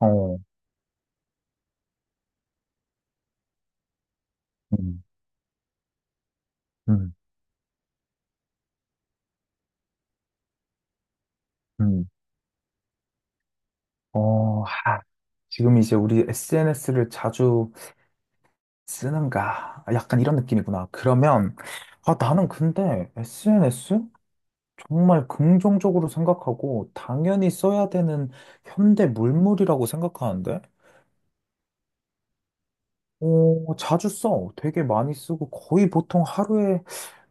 어, 음, 음, 음. 어, 하, 지금 이제 우리 SNS를 자주 쓰는가? 약간 이런 느낌이구나. 그러면, 나는 근데 SNS? 정말 긍정적으로 생각하고, 당연히 써야 되는 현대 물물이라고 생각하는데, 어, 자주 써. 되게 많이 쓰고, 거의 보통 하루에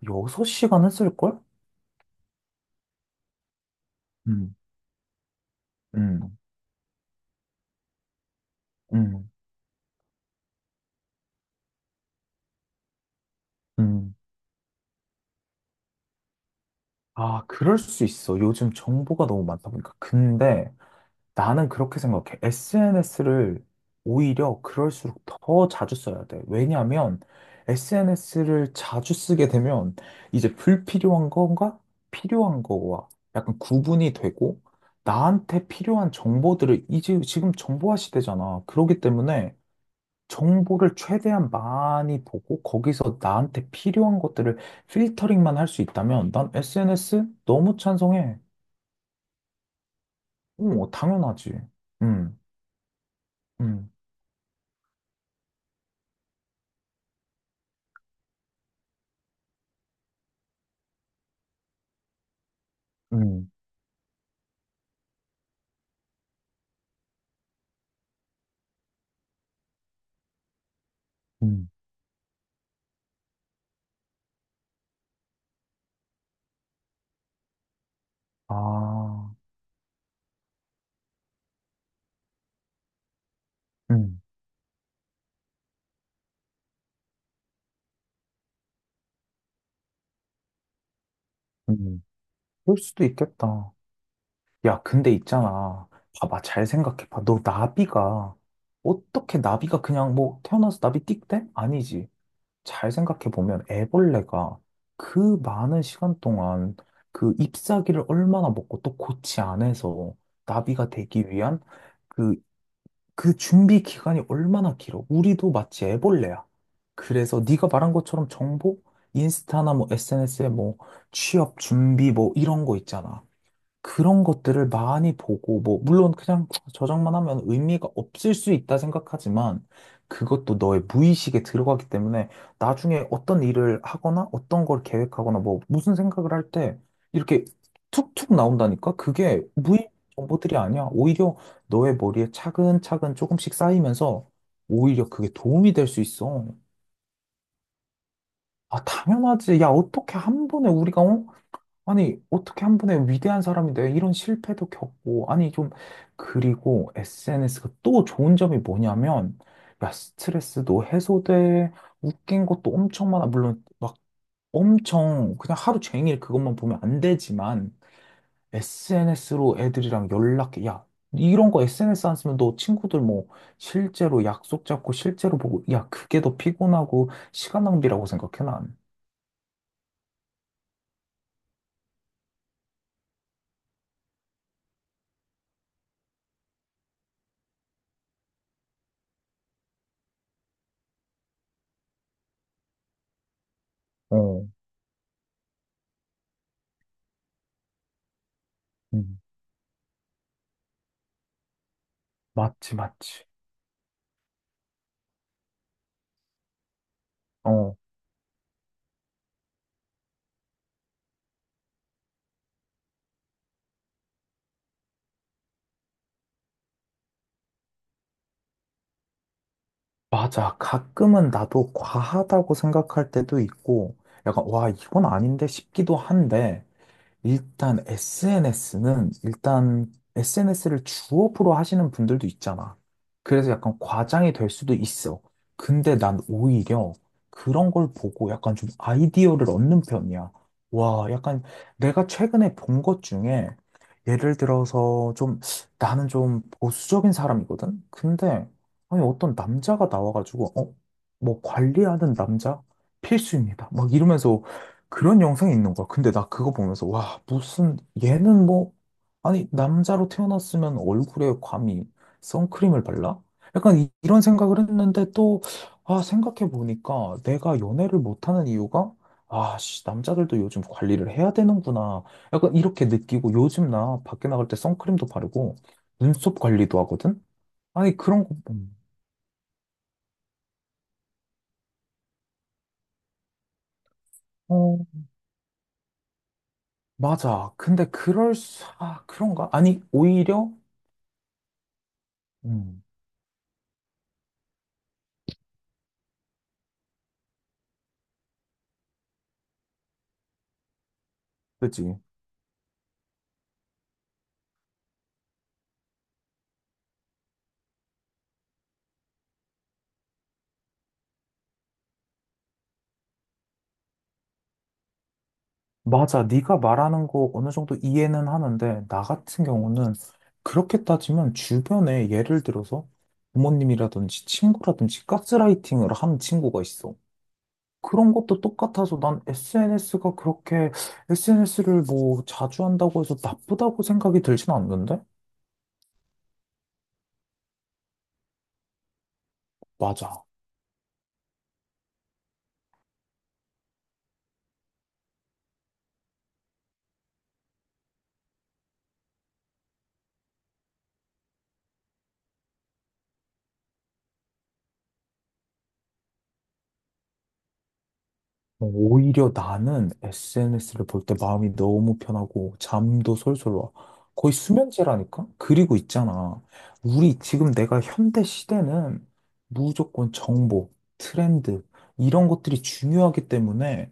6시간은 쓸걸? 음, 음, 음, 음. 아, 그럴 수 있어. 요즘 정보가 너무 많다 보니까. 근데, 나는 그렇게 생각해. SNS를 오히려 그럴수록 더 자주 써야 돼. 왜냐하면 SNS를 자주 쓰게 되면 이제 불필요한 건가 필요한 거와 약간 구분이 되고 나한테 필요한 정보들을 이제 지금 정보화 시대잖아. 그렇기 때문에 정보를 최대한 많이 보고 거기서 나한테 필요한 것들을 필터링만 할 수 있다면 난 SNS 너무 찬성해. 어, 당연하지. 음, 음. 음. 음. 아, 음, 음. 그럴 수도 있겠다. 야, 근데 있잖아. 봐봐, 잘 생각해봐. 어떻게 나비가 그냥 뭐 태어나서 나비 띡대? 아니지. 잘 생각해보면 애벌레가 그 많은 시간 동안 그 잎사귀를 얼마나 먹고 또 고치 안에서 나비가 되기 위한 그 그 준비 기간이 얼마나 길어? 우리도 마치 애벌레야. 그래서 네가 말한 것처럼 정보? 인스타나 뭐 SNS에 뭐 취업 준비 뭐 이런 거 있잖아. 그런 것들을 많이 보고, 뭐, 물론 그냥 저장만 하면 의미가 없을 수 있다 생각하지만, 그것도 너의 무의식에 들어가기 때문에, 나중에 어떤 일을 하거나, 어떤 걸 계획하거나, 뭐, 무슨 생각을 할 때, 이렇게 툭툭 나온다니까? 그게 무의식 정보들이 아니야. 오히려 너의 머리에 차근차근 조금씩 쌓이면서, 오히려 그게 도움이 될 수 있어. 아, 당연하지. 야, 어떻게 한 번에 우리가, 어? 아니, 어떻게 한 번에 위대한 사람인데 이런 실패도 겪고, 아니, 좀, 그리고 SNS가 또 좋은 점이 뭐냐면, 야, 스트레스도 해소돼, 웃긴 것도 엄청 많아. 물론, 막 엄청, 그냥 하루 종일 그것만 보면 안 되지만, SNS로 애들이랑 연락해. 야, 이런 거 SNS 안 쓰면 너 친구들 뭐, 실제로 약속 잡고 실제로 보고, 야, 그게 더 피곤하고, 시간 낭비라고 생각해, 난. 어, 음, 맞지, 맞지. 어, 맞아. 가끔은 나도 과하다고 생각할 때도 있고, 약간, 와, 이건 아닌데 싶기도 한데, 일단 SNS는 일단 SNS를 주업으로 하시는 분들도 있잖아. 그래서 약간 과장이 될 수도 있어. 근데 난 오히려 그런 걸 보고 약간 좀 아이디어를 얻는 편이야. 와, 약간 내가 최근에 본 것 중에 예를 들어서 좀 나는 좀 보수적인 사람이거든? 근데 아니 어떤 남자가 나와가지고 어? 뭐 관리하는 남자? 필수입니다. 막 이러면서 그런 영상이 있는 거야. 근데 나 그거 보면서, 와, 무슨, 얘는 뭐, 아니, 남자로 태어났으면 얼굴에 감히 선크림을 발라? 약간 이런 생각을 했는데 또, 아, 생각해보니까 내가 연애를 못하는 이유가, 아, 씨, 남자들도 요즘 관리를 해야 되는구나. 약간 이렇게 느끼고 요즘 나 밖에 나갈 때 선크림도 바르고 눈썹 관리도 하거든? 아니, 그런 거, 보면, 어, 맞아. 근데 아, 그런가? 아니, 오히려, 음, 그치. 맞아. 네가 말하는 거 어느 정도 이해는 하는데 나 같은 경우는 그렇게 따지면 주변에 예를 들어서 부모님이라든지 친구라든지 가스라이팅을 한 친구가 있어. 그런 것도 똑같아서 난 SNS가 그렇게 SNS를 뭐 자주 한다고 해서 나쁘다고 생각이 들진 않는데? 맞아. 어, 오히려 나는 SNS를 볼 때 마음이 너무 편하고 잠도 솔솔 와. 거의 수면제라니까? 그리고 있잖아. 우리 지금 내가 현대 시대는 무조건 정보, 트렌드 이런 것들이 중요하기 때문에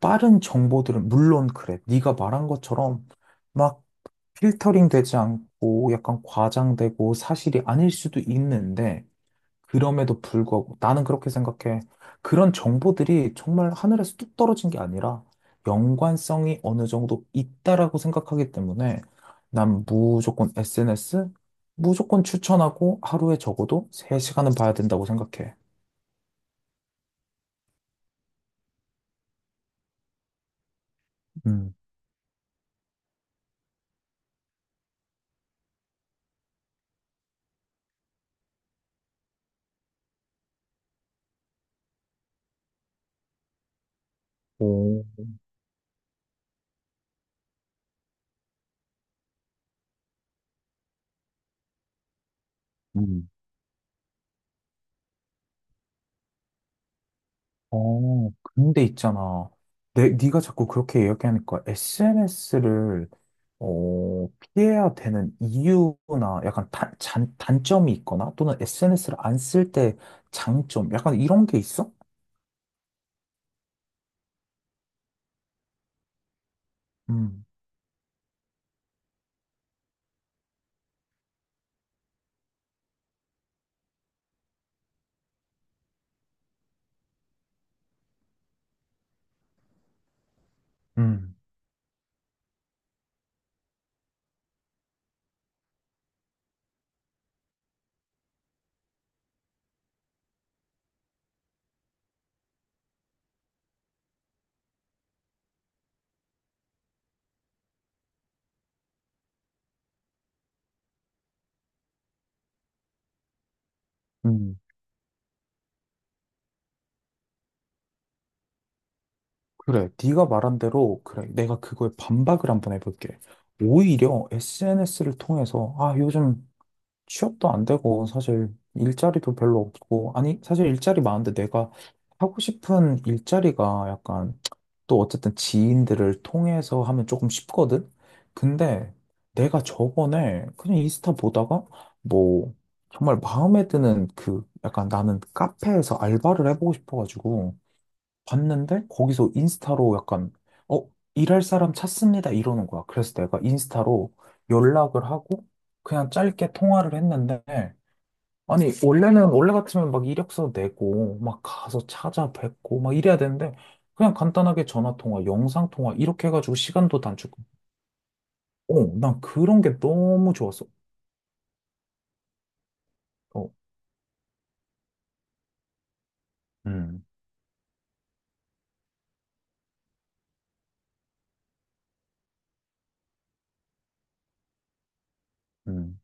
빠른 정보들은 물론 그래. 네가 말한 것처럼 막 필터링 되지 않고 약간 과장되고 사실이 아닐 수도 있는데 그럼에도 불구하고 나는 그렇게 생각해. 그런 정보들이 정말 하늘에서 뚝 떨어진 게 아니라 연관성이 어느 정도 있다라고 생각하기 때문에 난 무조건 SNS 무조건 추천하고 하루에 적어도 3시간은 봐야 된다고 생각해. 음. 오, 음. 어, 근데 있잖아. 네가 자꾸 그렇게 이야기하니까 SNS를 피해야 되는 이유나 약간 단점이 있거나 또는 SNS를 안 쓸 때 장점 약간 이런 게 있어? 음, 음, 음. 그래. 네가 말한 대로 그래. 내가 그거에 반박을 한번 해볼게. 오히려 SNS를 통해서 아, 요즘 취업도 안 되고 사실 일자리도 별로 없고 아니 사실 일자리 많은데 내가 하고 싶은 일자리가 약간 또 어쨌든 지인들을 통해서 하면 조금 쉽거든. 근데 내가 저번에 그냥 인스타 보다가 뭐 정말 마음에 드는 그 약간 나는 카페에서 알바를 해보고 싶어가지고 봤는데 거기서 인스타로 약간 어 일할 사람 찾습니다 이러는 거야. 그래서 내가 인스타로 연락을 하고 그냥 짧게 통화를 했는데 아니 원래 같으면 막 이력서 내고 막 가서 찾아뵙고 막 이래야 되는데 그냥 간단하게 전화 통화, 영상 통화 이렇게 해가지고 시간도 단축. 어, 난 그런 게 너무 좋았어. 어, 음, 음.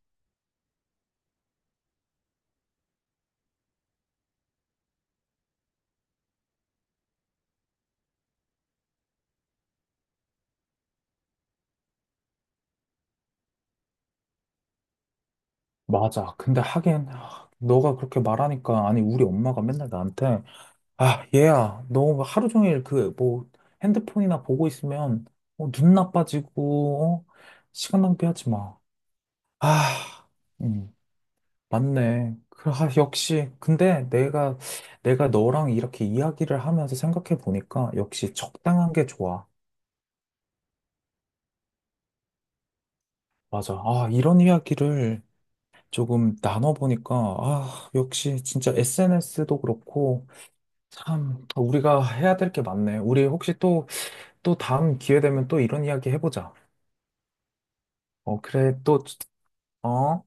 맞아. 근데 하긴 아, 너가 그렇게 말하니까 아니 우리 엄마가 맨날 나한테 아, 얘야, 너뭐 하루 종일 그, 뭐, 핸드폰이나 보고 있으면, 어, 눈 나빠지고, 어? 시간 낭비하지 마. 아, 음, 맞네. 아, 역시. 근데 내가 너랑 이렇게 이야기를 하면서 생각해 보니까, 역시 적당한 게 좋아. 맞아. 아, 이런 이야기를 조금 나눠보니까, 아, 역시 진짜 SNS도 그렇고, 참, 우리가 해야 될 게 많네. 우리 혹시 또 다음 기회 되면 또 이런 이야기 해보자. 어, 그래, 또, 어?